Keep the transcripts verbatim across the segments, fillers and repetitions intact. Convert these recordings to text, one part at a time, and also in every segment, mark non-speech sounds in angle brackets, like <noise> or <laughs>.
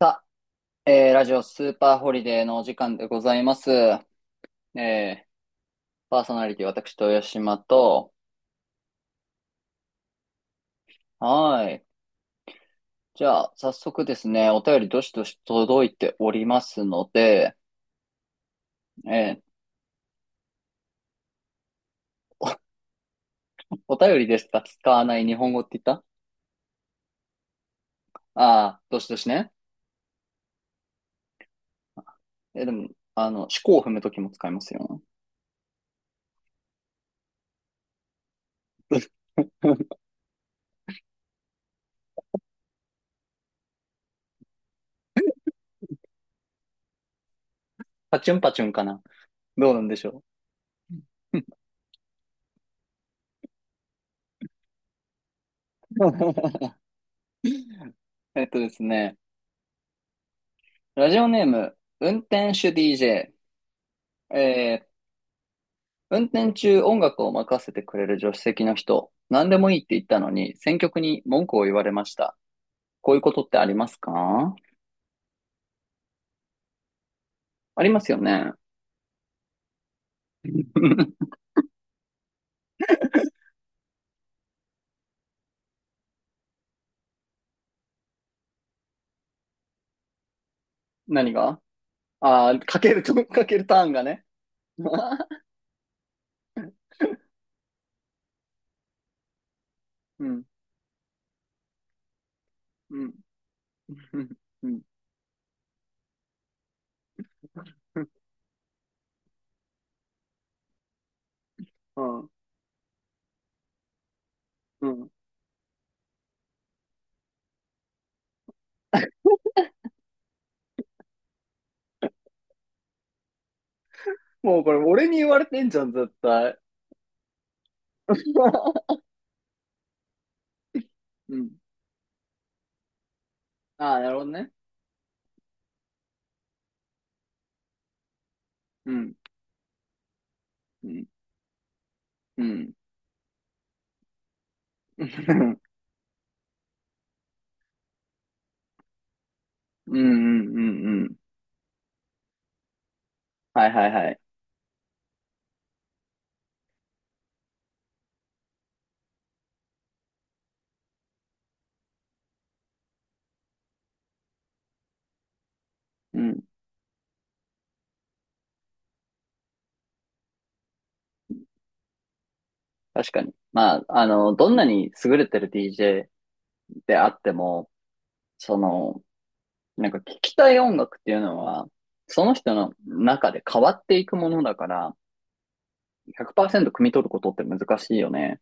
さあ、えーラジオスーパーホリデーのお時間でございます。えーパーソナリティ私、豊島と、はーい。じゃあ、早速ですね、お便りどしどし届いておりますので、えーお便りでしか使わない日本語って言った、ああー、どしどしね。えーでも、あの、四股を踏むときも使いますよ。パチュンパチュンかな。どうなんでしょう。<laughs> えっとですね、ラジオネーム、運転手 ディージェー、えー運転中音楽を任せてくれる助手席の人、何でもいいって言ったのに、選曲に文句を言われました。こういうことってありますか？ありますよね。<laughs> 何が？あー、かけると、<laughs> かけるターンがね。<laughs> うん、うん、うん、うん、うん。うん、もうこれ俺に言われてんじゃん、絶対。<laughs> うん。ああ、なるほどね。うん、うん、うん。<laughs> うん、うん、うん、うん。はいはいはい。うん、確かに。まあ、あの、どんなに優れてる ディージェー であっても、その、なんか聞きたい音楽っていうのは、その人の中で変わっていくものだから、ひゃくパーセント汲み取ることって難しいよね。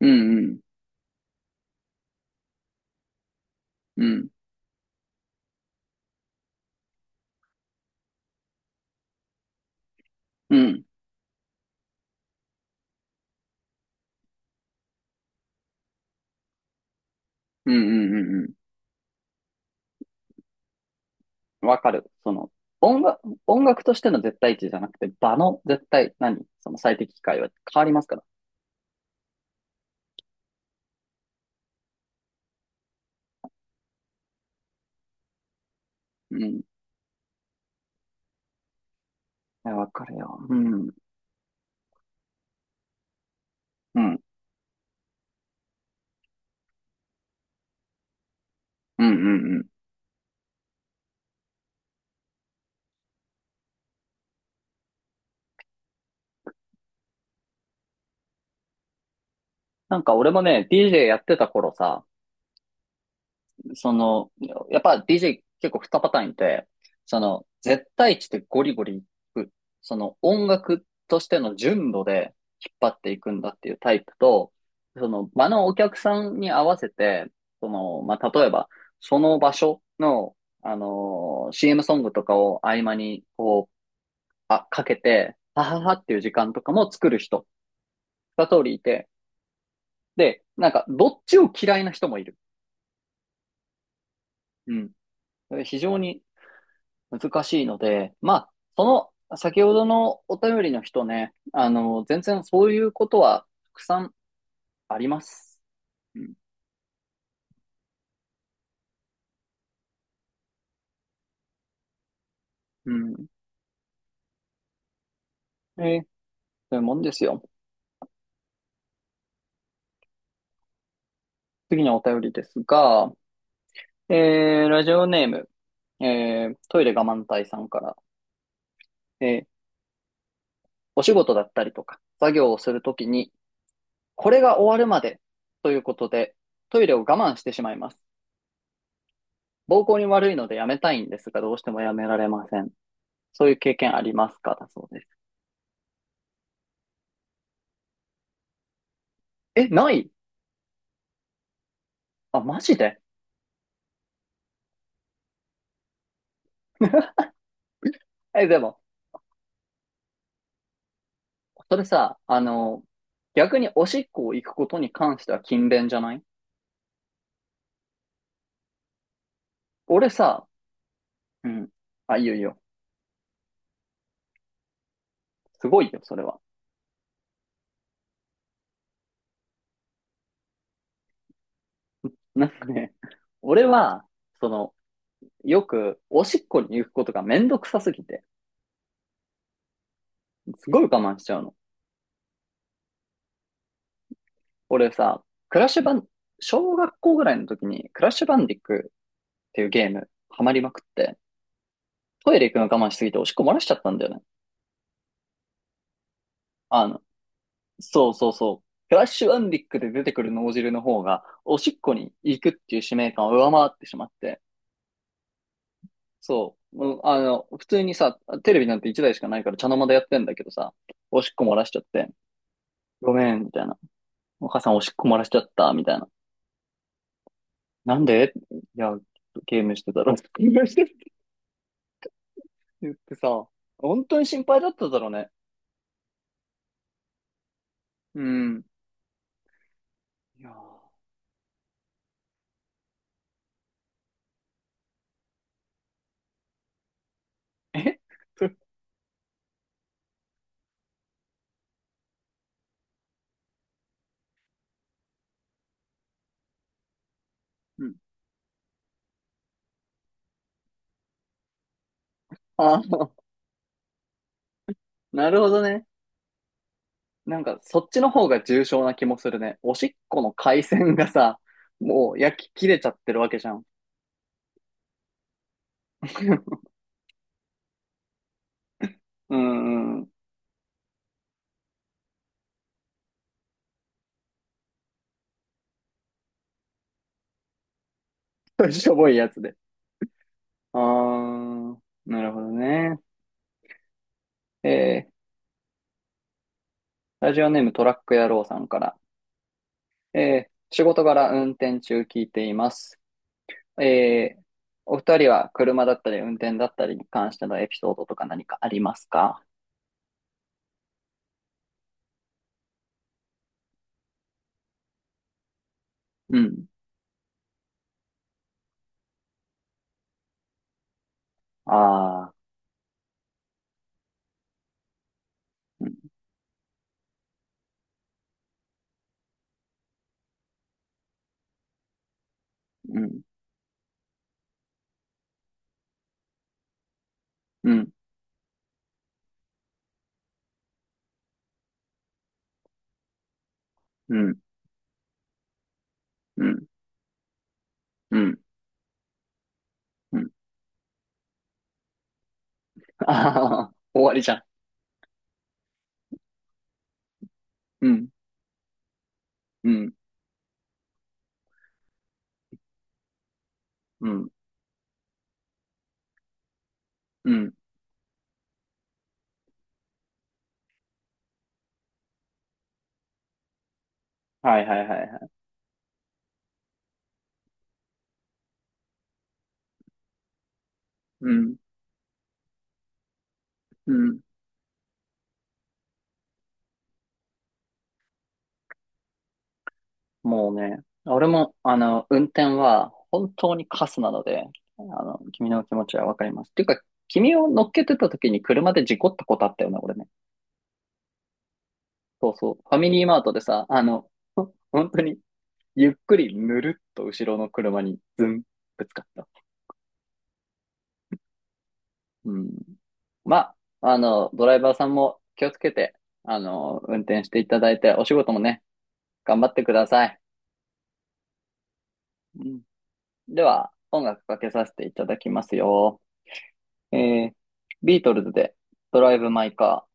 うんうん。うん。うん。うんうんうん。うん。わかる。その、音楽、音楽としての絶対値じゃなくて、場の絶対、何その最適機会は変わりますから。うん。いや、わかるよ。うん。うん。うんうんうん。なんか俺もね、ディージェー やってた頃さ、その、やっぱ ディージェー 結構二パターンいて、その、絶対値でゴリゴリいく、その音楽としての純度で引っ張っていくんだっていうタイプと、その場のお客さんに合わせて、その、まあ、例えば、その場所の、あのー シーエム ソングとかを合間に、こう、あ、かけて、はははっていう時間とかも作る人、二通りいて、で、なんか、どっちを嫌いな人もいる。うん。非常に難しいので、まあ、その、先ほどのお便りの人ね、あの、全然そういうことはたくさんあります。うん。うん、えー、そういうもんですよ。次のお便りですが、えー、ラジオネーム、えー、トイレ我慢隊さんから、えー、お仕事だったりとか、作業をするときに、これが終わるまでということで、トイレを我慢してしまいます。膀胱に悪いのでやめたいんですが、どうしてもやめられません。そういう経験ありますかだそうです。え、ない？あ、マジで？え、でも、それさ、あの、逆におしっこを行くことに関しては勤勉じゃない？俺さ、うん。あ、いいよいいよ。すごいよ、それは。なんかね、俺は、その、よく、おしっこに行くことがめんどくさすぎて、すごい我慢しちゃうの。俺さ、クラッシュバン、小学校ぐらいの時に、クラッシュバンディックっていうゲーム、ハマりまくって、トイレ行くの我慢しすぎておしっこ漏らしちゃったんだよね。あの、そうそうそう。フラッシュアンディックで出てくる脳汁の方が、おしっこに行くっていう使命感を上回ってしまって、そう、もうあの、普通にさ、テレビなんて一台しかないから茶の間でやってんだけどさ、おしっこ漏らしちゃって、ごめん、みたいな。お母さんおしっこ漏らしちゃった、みたいな。なんで？いや、ゲームしてたら、<laughs> ゲームしてって言ってさ、本当に心配だっただろうね。うん。いやー、え <laughs> うん、あー、なるほどね。なんか、そっちの方が重症な気もするね。おしっこの回線がさ、もう焼き切れちゃってるわけじゃん。<laughs> うんうん。しょぼいやつで。あー、なるほどね。えー、ラジオネームトラック野郎さんから。えー、仕事柄運転中聞いています。えー、お二人は車だったり運転だったりに関してのエピソードとか何かありますか？うん。ああ。うん、うん、うん、うん、うん、うん。ああ終わりじゃん。うん、うん、うん、うん。はいはいはいはい。うん、うん。もうね、俺も、あの、運転は本当にカスなので、あの、君の気持ちはわかります。っていうか、君を乗っけてた時に車で事故ったことあったよね、俺ね。そうそう。ファミリーマートでさ、あの、ほ本当に、ゆっくりぬるっと後ろの車にズン、ぶつかった。うん。まあ、あの、ドライバーさんも気をつけて、あの、運転していただいて、お仕事もね、頑張ってください。うん、では、音楽かけさせていただきますよ。えー、ビートルズで、ドライブ・マイ・カー。